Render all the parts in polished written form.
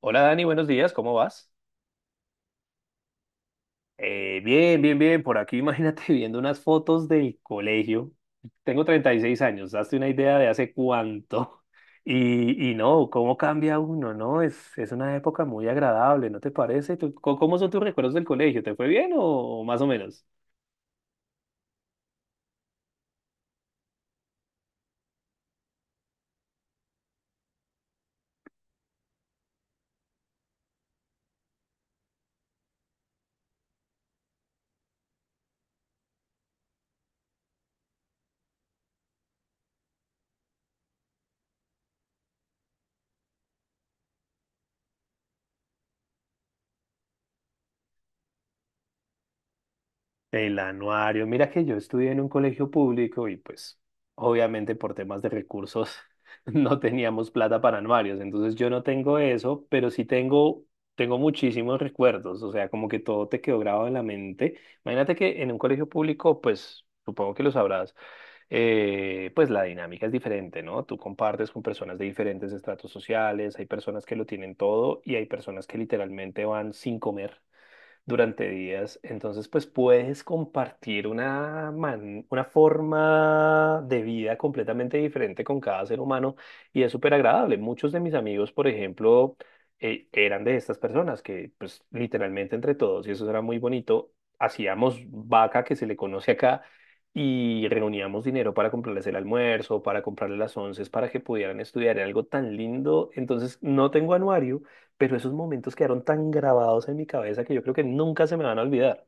Hola Dani, buenos días, ¿cómo vas? Bien, bien, bien, por aquí imagínate viendo unas fotos del colegio. Tengo 36 años, hazte una idea de hace cuánto. Y no, cómo cambia uno, ¿no? Es una época muy agradable, ¿no te parece? Cómo son tus recuerdos del colegio? ¿Te fue bien o más o menos? El anuario. Mira que yo estudié en un colegio público y pues obviamente por temas de recursos no teníamos plata para anuarios, entonces yo no tengo eso, pero sí tengo muchísimos recuerdos, o sea, como que todo te quedó grabado en la mente. Imagínate que en un colegio público, pues supongo que lo sabrás, pues la dinámica es diferente, ¿no? Tú compartes con personas de diferentes estratos sociales, hay personas que lo tienen todo y hay personas que literalmente van sin comer durante días. Entonces, pues puedes compartir una, una forma de vida completamente diferente con cada ser humano y es súper agradable. Muchos de mis amigos, por ejemplo, eran de estas personas que, pues, literalmente entre todos, y eso era muy bonito, hacíamos vaca que se le conoce acá. Y reuníamos dinero para comprarles el almuerzo, para comprarles las onces, para que pudieran estudiar. Era algo tan lindo. Entonces, no tengo anuario, pero esos momentos quedaron tan grabados en mi cabeza que yo creo que nunca se me van a olvidar.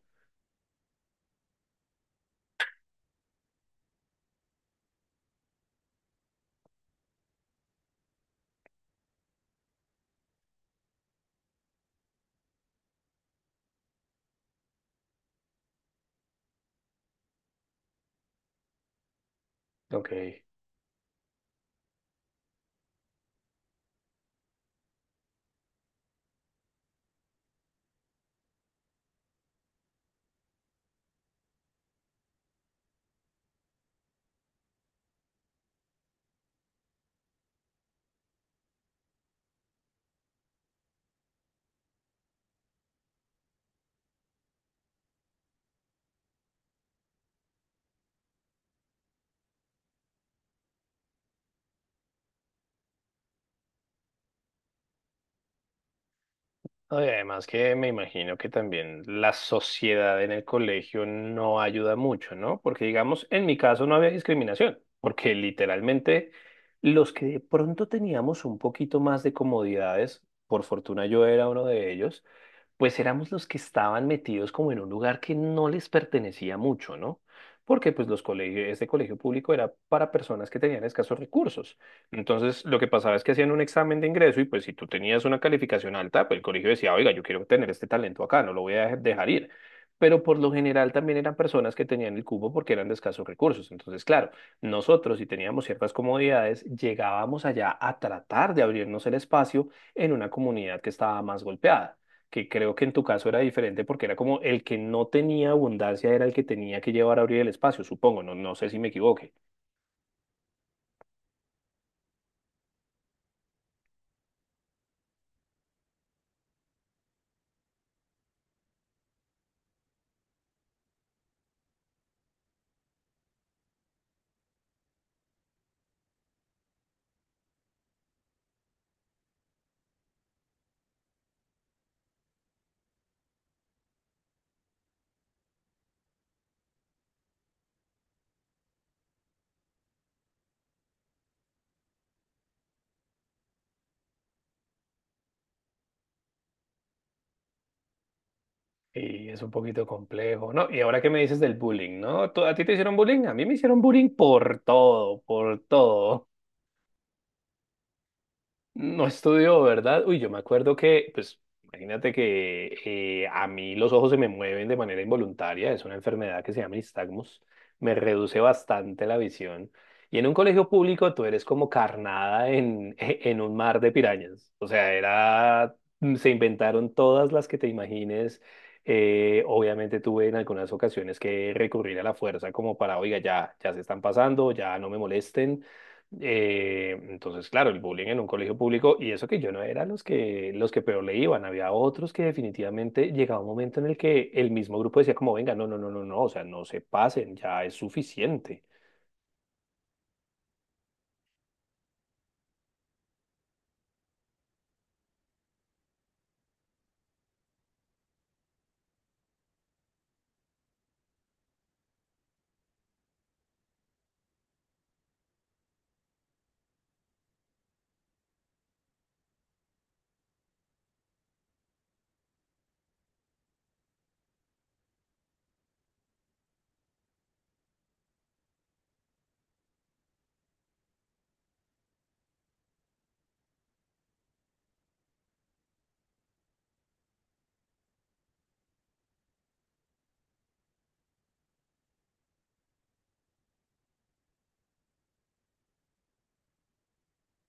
Ok. No, y además que me imagino que también la sociedad en el colegio no ayuda mucho, ¿no? Porque digamos, en mi caso no había discriminación, porque literalmente los que de pronto teníamos un poquito más de comodidades, por fortuna yo era uno de ellos, pues éramos los que estaban metidos como en un lugar que no les pertenecía mucho, ¿no? Porque pues los colegios, este colegio público era para personas que tenían escasos recursos. Entonces, lo que pasaba es que hacían un examen de ingreso y pues si tú tenías una calificación alta, pues el colegio decía, oiga, yo quiero tener este talento acá, no lo voy a dejar ir. Pero por lo general también eran personas que tenían el cupo porque eran de escasos recursos. Entonces, claro, nosotros si teníamos ciertas comodidades, llegábamos allá a tratar de abrirnos el espacio en una comunidad que estaba más golpeada que creo que en tu caso era diferente porque era como el que no tenía abundancia era el que tenía que llevar a abrir el espacio, supongo, no, no sé si me equivoque. Y es un poquito complejo, ¿no? Y ahora que me dices del bullying, ¿no? A ti te hicieron bullying? A mí me hicieron bullying por todo, por todo. No estudió, ¿verdad? Uy, yo me acuerdo que, pues, imagínate que a mí los ojos se me mueven de manera involuntaria, es una enfermedad que se llama nistagmus, me reduce bastante la visión. Y en un colegio público tú eres como carnada en, en un mar de pirañas. O sea, era, se inventaron todas las que te imagines. Obviamente tuve en algunas ocasiones que recurrir a la fuerza como para, oiga, ya, ya se están pasando, ya no me molesten. Entonces, claro, el bullying en un colegio público, y eso que yo no era los que peor le iban, había otros que definitivamente llegaba un momento en el que el mismo grupo decía como, venga, no, no, no, no, no, o sea, no se pasen, ya es suficiente.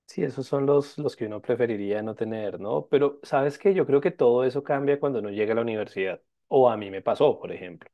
Sí, esos son los que uno preferiría no tener, ¿no? Pero, ¿sabes qué? Yo creo que todo eso cambia cuando uno llega a la universidad, o a mí me pasó, por ejemplo.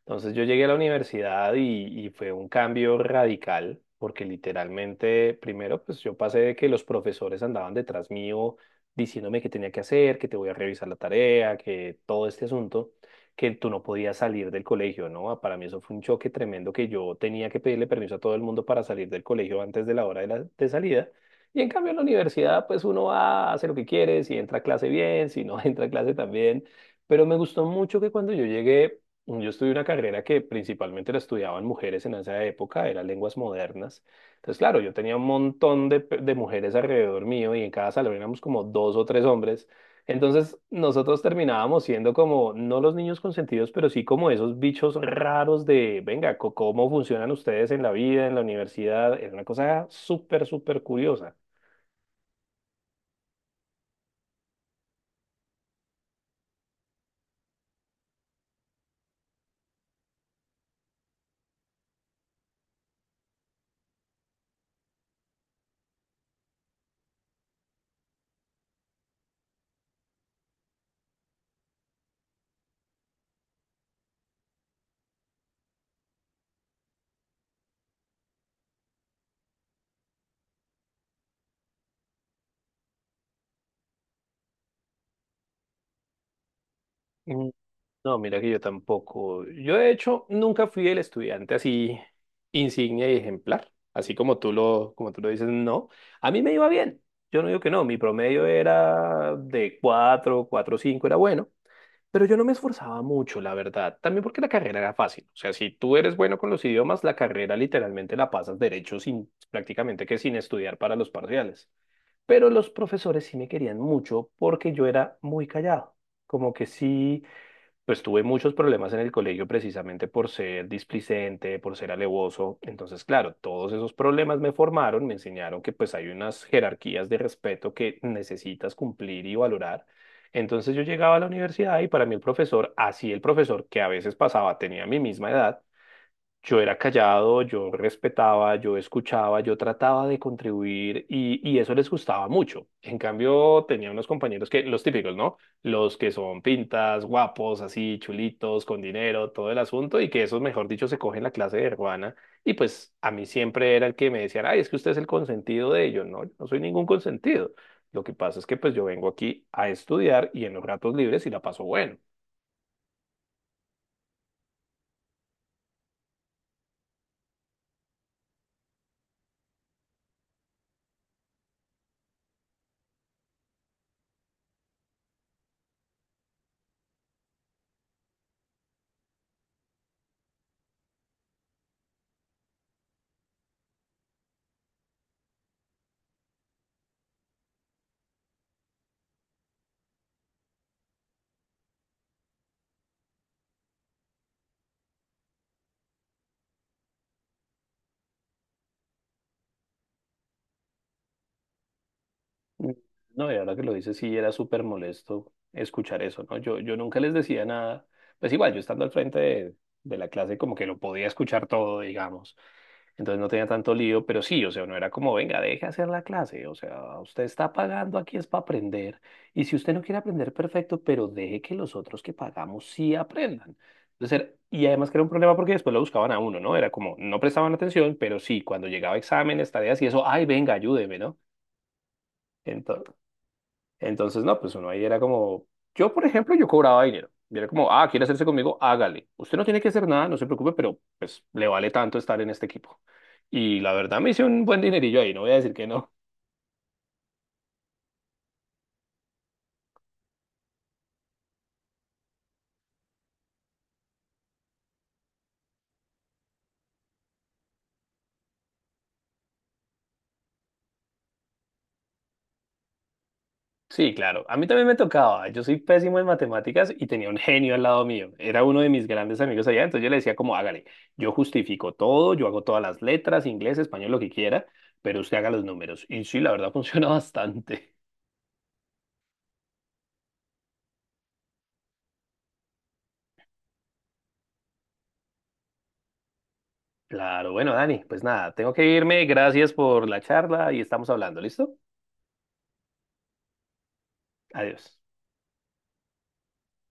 Entonces yo llegué a la universidad y fue un cambio radical, porque literalmente, primero, pues yo pasé de que los profesores andaban detrás mío diciéndome qué tenía que hacer, que te voy a revisar la tarea, que todo este asunto, que tú no podías salir del colegio, ¿no? Ah, para mí eso fue un choque tremendo que yo tenía que pedirle permiso a todo el mundo para salir del colegio antes de la hora de salida. Y en cambio en la universidad, pues uno va, hace lo que quiere, si entra a clase bien, si no entra a clase también. Pero me gustó mucho que cuando yo llegué yo estudié una carrera que principalmente la estudiaban mujeres en esa época, era lenguas modernas. Entonces, claro, yo tenía un montón de, de mujeres alrededor mío y en cada salón éramos como dos o tres hombres. Entonces, nosotros terminábamos siendo como, no los niños consentidos, pero sí como esos bichos raros de, venga, ¿cómo funcionan ustedes en la vida, en la universidad? Era una cosa súper, súper curiosa. No, mira que yo tampoco. Yo de hecho nunca fui el estudiante así insignia y ejemplar, así como como tú lo dices, no. A mí me iba bien. Yo no digo que no, mi promedio era de 4, 4 5, era bueno, pero yo no me esforzaba mucho, la verdad. También porque la carrera era fácil. O sea, si tú eres bueno con los idiomas, la carrera literalmente la pasas derecho sin prácticamente que sin estudiar para los parciales. Pero los profesores sí me querían mucho porque yo era muy callado. Como que sí pues tuve muchos problemas en el colegio precisamente por ser displicente, por ser alevoso. Entonces, claro, todos esos problemas me formaron, me enseñaron que pues hay unas jerarquías de respeto que necesitas cumplir y valorar. Entonces yo llegaba a la universidad y para mí el profesor, así el profesor que a veces pasaba, tenía mi misma edad, yo era callado, yo respetaba, yo escuchaba, yo trataba de contribuir y eso les gustaba mucho. En cambio, tenía unos compañeros que, los típicos, ¿no? Los que son pintas, guapos, así, chulitos, con dinero, todo el asunto, y que esos, mejor dicho, se cogen la clase de hermana. Y pues a mí siempre era el que me decían ay, es que usted es el consentido de ellos. No, yo no soy ningún consentido. Lo que pasa es que pues yo vengo aquí a estudiar y en los ratos libres y la paso bueno. Mm. No, y ahora que lo dices, sí, era súper molesto escuchar eso, ¿no? Yo nunca les decía nada. Pues igual, yo estando al frente de la clase como que lo podía escuchar todo, digamos. Entonces no tenía tanto lío, pero sí, o sea, no era como, venga, deje hacer la clase, o sea, usted está pagando aquí es para aprender, y si usted no quiere aprender, perfecto, pero deje que los otros que pagamos sí aprendan. Entonces, y además que era un problema porque después lo buscaban a uno, ¿no? Era como, no prestaban atención, pero sí, cuando llegaba exámenes, tareas y eso, ay, venga, ayúdeme, ¿no? Ento- entonces, no, pues uno ahí era como, yo por ejemplo, yo cobraba dinero. Y era como, ah, quiere hacerse conmigo, hágale. Usted no tiene que hacer nada, no se preocupe, pero pues le vale tanto estar en este equipo. Y la verdad me hice un buen dinerillo ahí, no voy a decir que no. Sí, claro, a mí también me tocaba. Yo soy pésimo en matemáticas y tenía un genio al lado mío. Era uno de mis grandes amigos allá, entonces yo le decía como, hágale, yo justifico todo, yo hago todas las letras, inglés, español, lo que quiera, pero usted haga los números. Y sí, la verdad funciona bastante. Claro, bueno, Dani, pues nada, tengo que irme. Gracias por la charla y estamos hablando, ¿listo? Adiós.